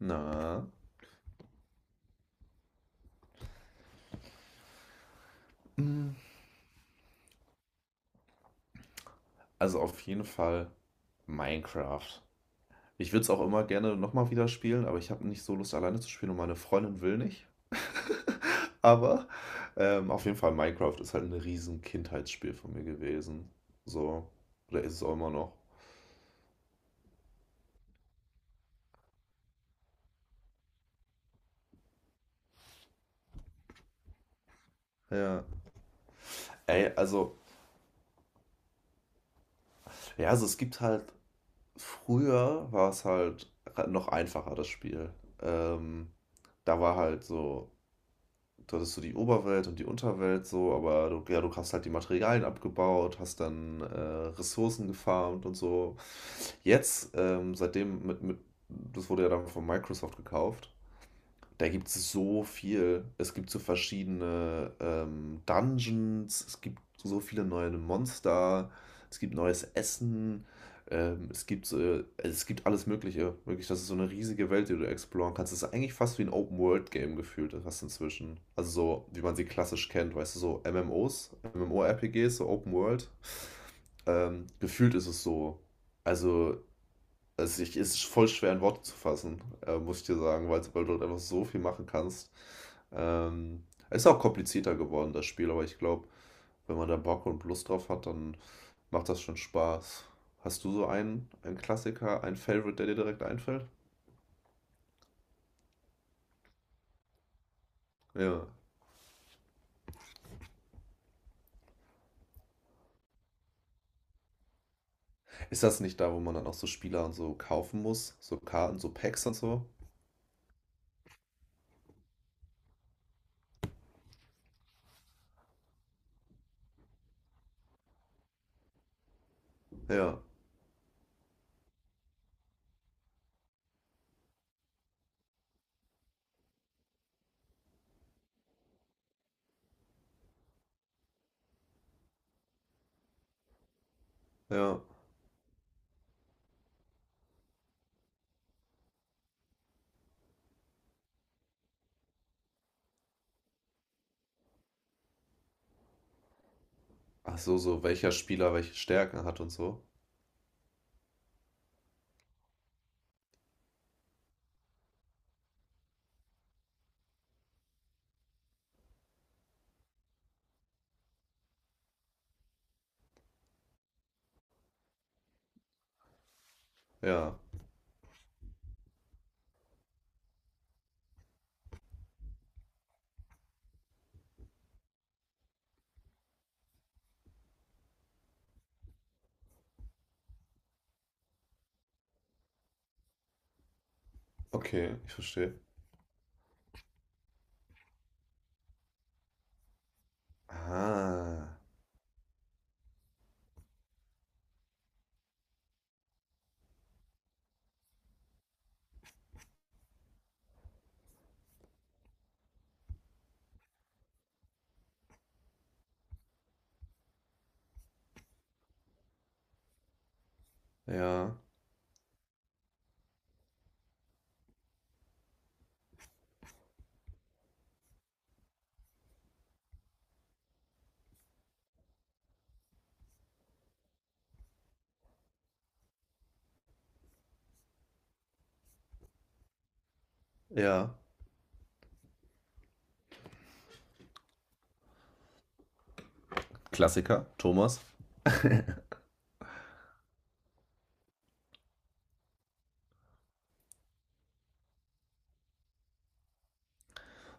Na. Mm. Also auf jeden Fall Minecraft. Ich würde es auch immer gerne nochmal wieder spielen, aber ich habe nicht so Lust, alleine zu spielen und meine Freundin will nicht. Aber auf jeden Fall Minecraft ist halt ein riesen Kindheitsspiel von mir gewesen. So, oder ist es auch immer noch. Ja. Ey, also, ja, also es gibt halt, früher war es halt noch einfacher, das Spiel. Ähm, Da war halt so du hattest so die Oberwelt und die Unterwelt so, aber du, ja, du hast halt die Materialien abgebaut, hast dann Ressourcen gefarmt und so. Jetzt, seitdem das wurde ja dann von Microsoft gekauft, da gibt es so viel. Es gibt so verschiedene Dungeons, es gibt so viele neue Monster, es gibt neues Essen, es gibt alles Mögliche. Wirklich, das ist so eine riesige Welt, die du exploren kannst. Es ist eigentlich fast wie ein Open-World-Game gefühlt, fast inzwischen. Also so, wie man sie klassisch kennt, weißt du, so MMOs, MMORPGs, so Open-World. Gefühlt ist es so. Also also ich, es ist voll schwer in Worte zu fassen, muss ich dir sagen, weil, weil du dort einfach so viel machen kannst. Ähm, Es ist auch komplizierter geworden, das Spiel, aber ich glaube, wenn man da Bock und Lust drauf hat, dann macht das schon Spaß. Hast du so einen Klassiker, einen Favorite, der dir direkt einfällt? Ja. Ist das nicht da, wo man dann auch so Spieler und so kaufen muss? So Karten, so Packs und so? Ja, ja. Ach so, so welcher Spieler welche Stärken hat und so? Ja, okay, ich verstehe. Ah, ja, ja. Klassiker, Thomas.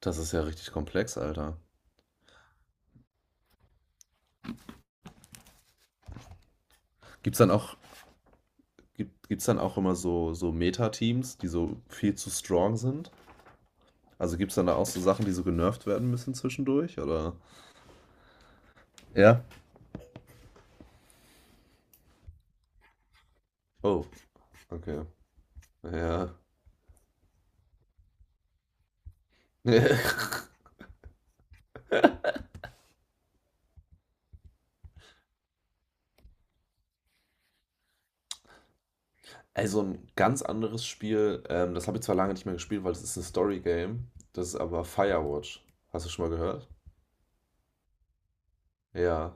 Das ist ja richtig komplex, Alter. Gibt's dann auch, gibt's dann auch immer so Meta-Teams, die so viel zu strong sind? Also gibt's dann da auch so Sachen, die so genervt werden müssen zwischendurch, oder? Ja. Oh, okay. Ja. Also ein ganz anderes Spiel, das habe ich zwar lange nicht mehr gespielt, weil es ist ein Story-Game. Das ist aber Firewatch. Hast du schon mal gehört? Ja.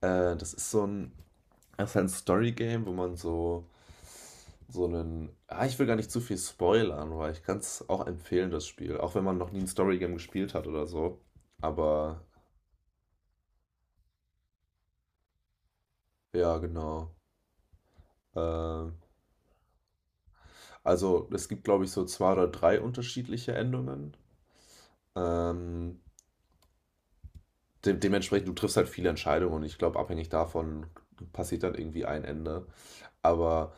Äh, das ist so ein, das ist halt ein Story-Game, wo man so einen. Ah, ich will gar nicht zu viel spoilern, weil ich kann es auch empfehlen, das Spiel. Auch wenn man noch nie ein Story-Game gespielt hat oder so. Aber ja, genau. Ähm, also es gibt, glaube ich, so zwei oder drei unterschiedliche Endungen. Ähm, de Dementsprechend, du triffst halt viele Entscheidungen und ich glaube, abhängig davon passiert dann irgendwie ein Ende. Aber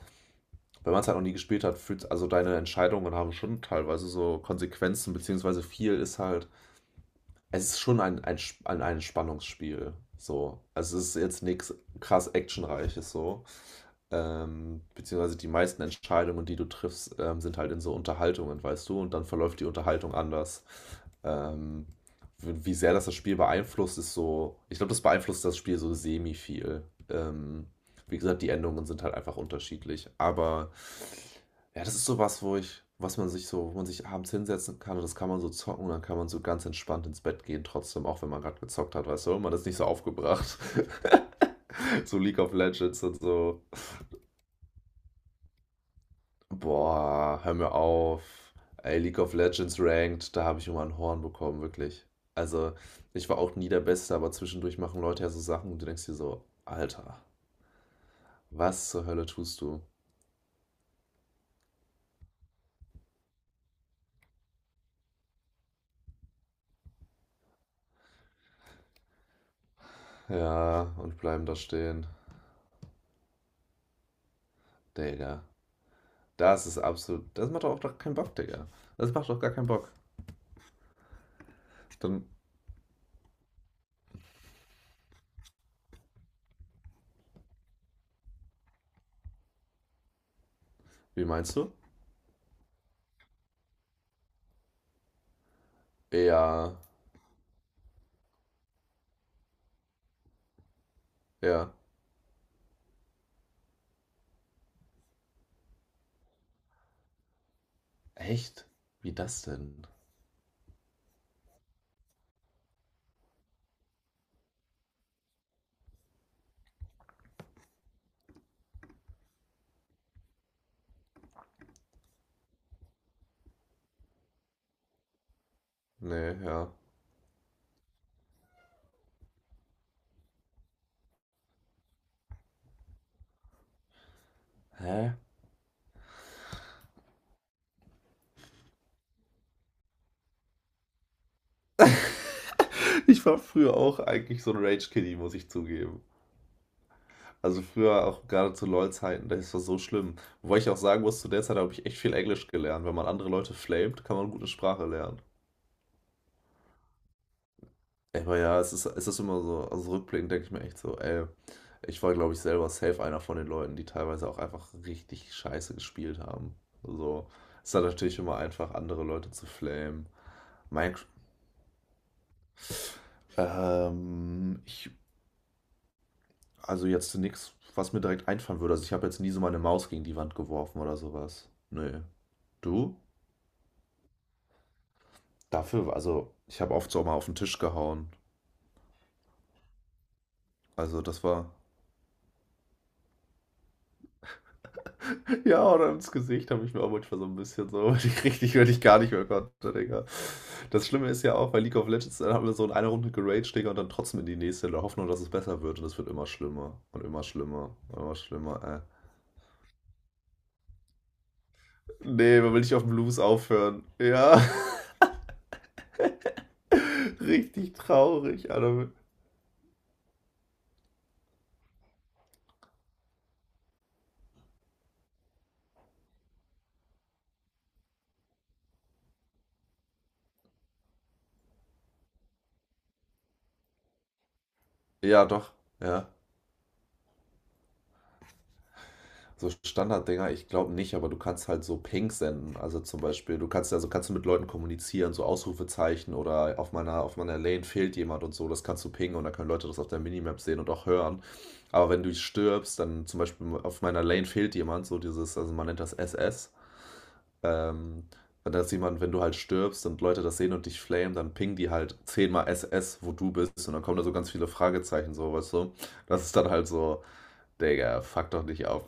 wenn man es halt noch nie gespielt hat, fühlt also deine Entscheidungen haben schon teilweise so Konsequenzen, beziehungsweise viel ist halt. Es ist schon ein Spannungsspiel. So. Also es ist jetzt nichts krass actionreiches so. Beziehungsweise die meisten Entscheidungen, die du triffst, sind halt in so Unterhaltungen, weißt du, und dann verläuft die Unterhaltung anders. Ähm, wie sehr das Spiel beeinflusst, ist so, ich glaube, das beeinflusst das Spiel so semi viel. Ähm, Wie gesagt, die Endungen sind halt einfach unterschiedlich, aber ja, das ist sowas, wo ich, was man sich so, wo man sich abends hinsetzen kann und das kann man so zocken und dann kann man so ganz entspannt ins Bett gehen, trotzdem, auch wenn man gerade gezockt hat, weißt du, man ist nicht so aufgebracht. So League of Legends und so. Boah, hör mir auf. Ey, League of Legends Ranked, da habe ich immer ein Horn bekommen, wirklich. Also, ich war auch nie der Beste, aber zwischendurch machen Leute ja so Sachen und du denkst dir so, Alter, was zur Hölle tust du? Ja, und bleiben da stehen. Digga, das ist absolut, das macht doch auch gar keinen Bock, Digga. Das macht doch gar keinen Bock. Dann, wie meinst du? Ja, ja. Echt? Wie das denn? Nee, ja. Hä? Ich war früher auch eigentlich so ein Rage-Kiddy, muss ich zugeben. Also früher auch gerade zu LOL-Zeiten, das war so schlimm. Wobei ich auch sagen muss, zu der Zeit habe ich echt viel Englisch gelernt. Wenn man andere Leute flamet, kann man gute Sprache lernen. Aber ja, es ist immer so, also rückblickend denke ich mir echt so, ey, ich war, glaube ich, selber safe einer von den Leuten, die teilweise auch einfach richtig scheiße gespielt haben. So, es ist dann natürlich immer einfach, andere Leute zu flamen. Minecraft, ähm, ich, also jetzt nichts, was mir direkt einfallen würde. Also ich habe jetzt nie so meine Maus gegen die Wand geworfen oder sowas. Nö. Du? Dafür, also, ich habe oft so mal auf den Tisch gehauen. Also, das war. Ja, oder ins Gesicht habe ich mir auch manchmal so ein bisschen so, wenn ich gar nicht mehr konnte, Digga. Das Schlimme ist ja auch, bei League of Legends, dann haben wir so in einer Runde geraged, Digga, und dann trotzdem in die nächste, in der Hoffnung, dass es besser wird. Und es wird immer schlimmer und immer schlimmer und immer schlimmer, ey. Nee, man will nicht auf dem Blues aufhören. Ja, richtig traurig, Alter. Ja, doch, ja. So Standarddinger, ich glaube nicht, aber du kannst halt so Ping senden. Also zum Beispiel, du kannst also kannst du mit Leuten kommunizieren, so Ausrufezeichen oder auf meiner Lane fehlt jemand und so, das kannst du pingen und dann können Leute das auf der Minimap sehen und auch hören. Aber wenn du stirbst, dann zum Beispiel auf meiner Lane fehlt jemand, so dieses, also man nennt das SS. Ähm, wenn das jemand, Wenn du halt stirbst und Leute das sehen und dich flamen, dann pingen die halt zehnmal SS, wo du bist und dann kommen da so ganz viele Fragezeichen, so, weißt du? Das ist dann halt so, Digga, fuck doch nicht auf.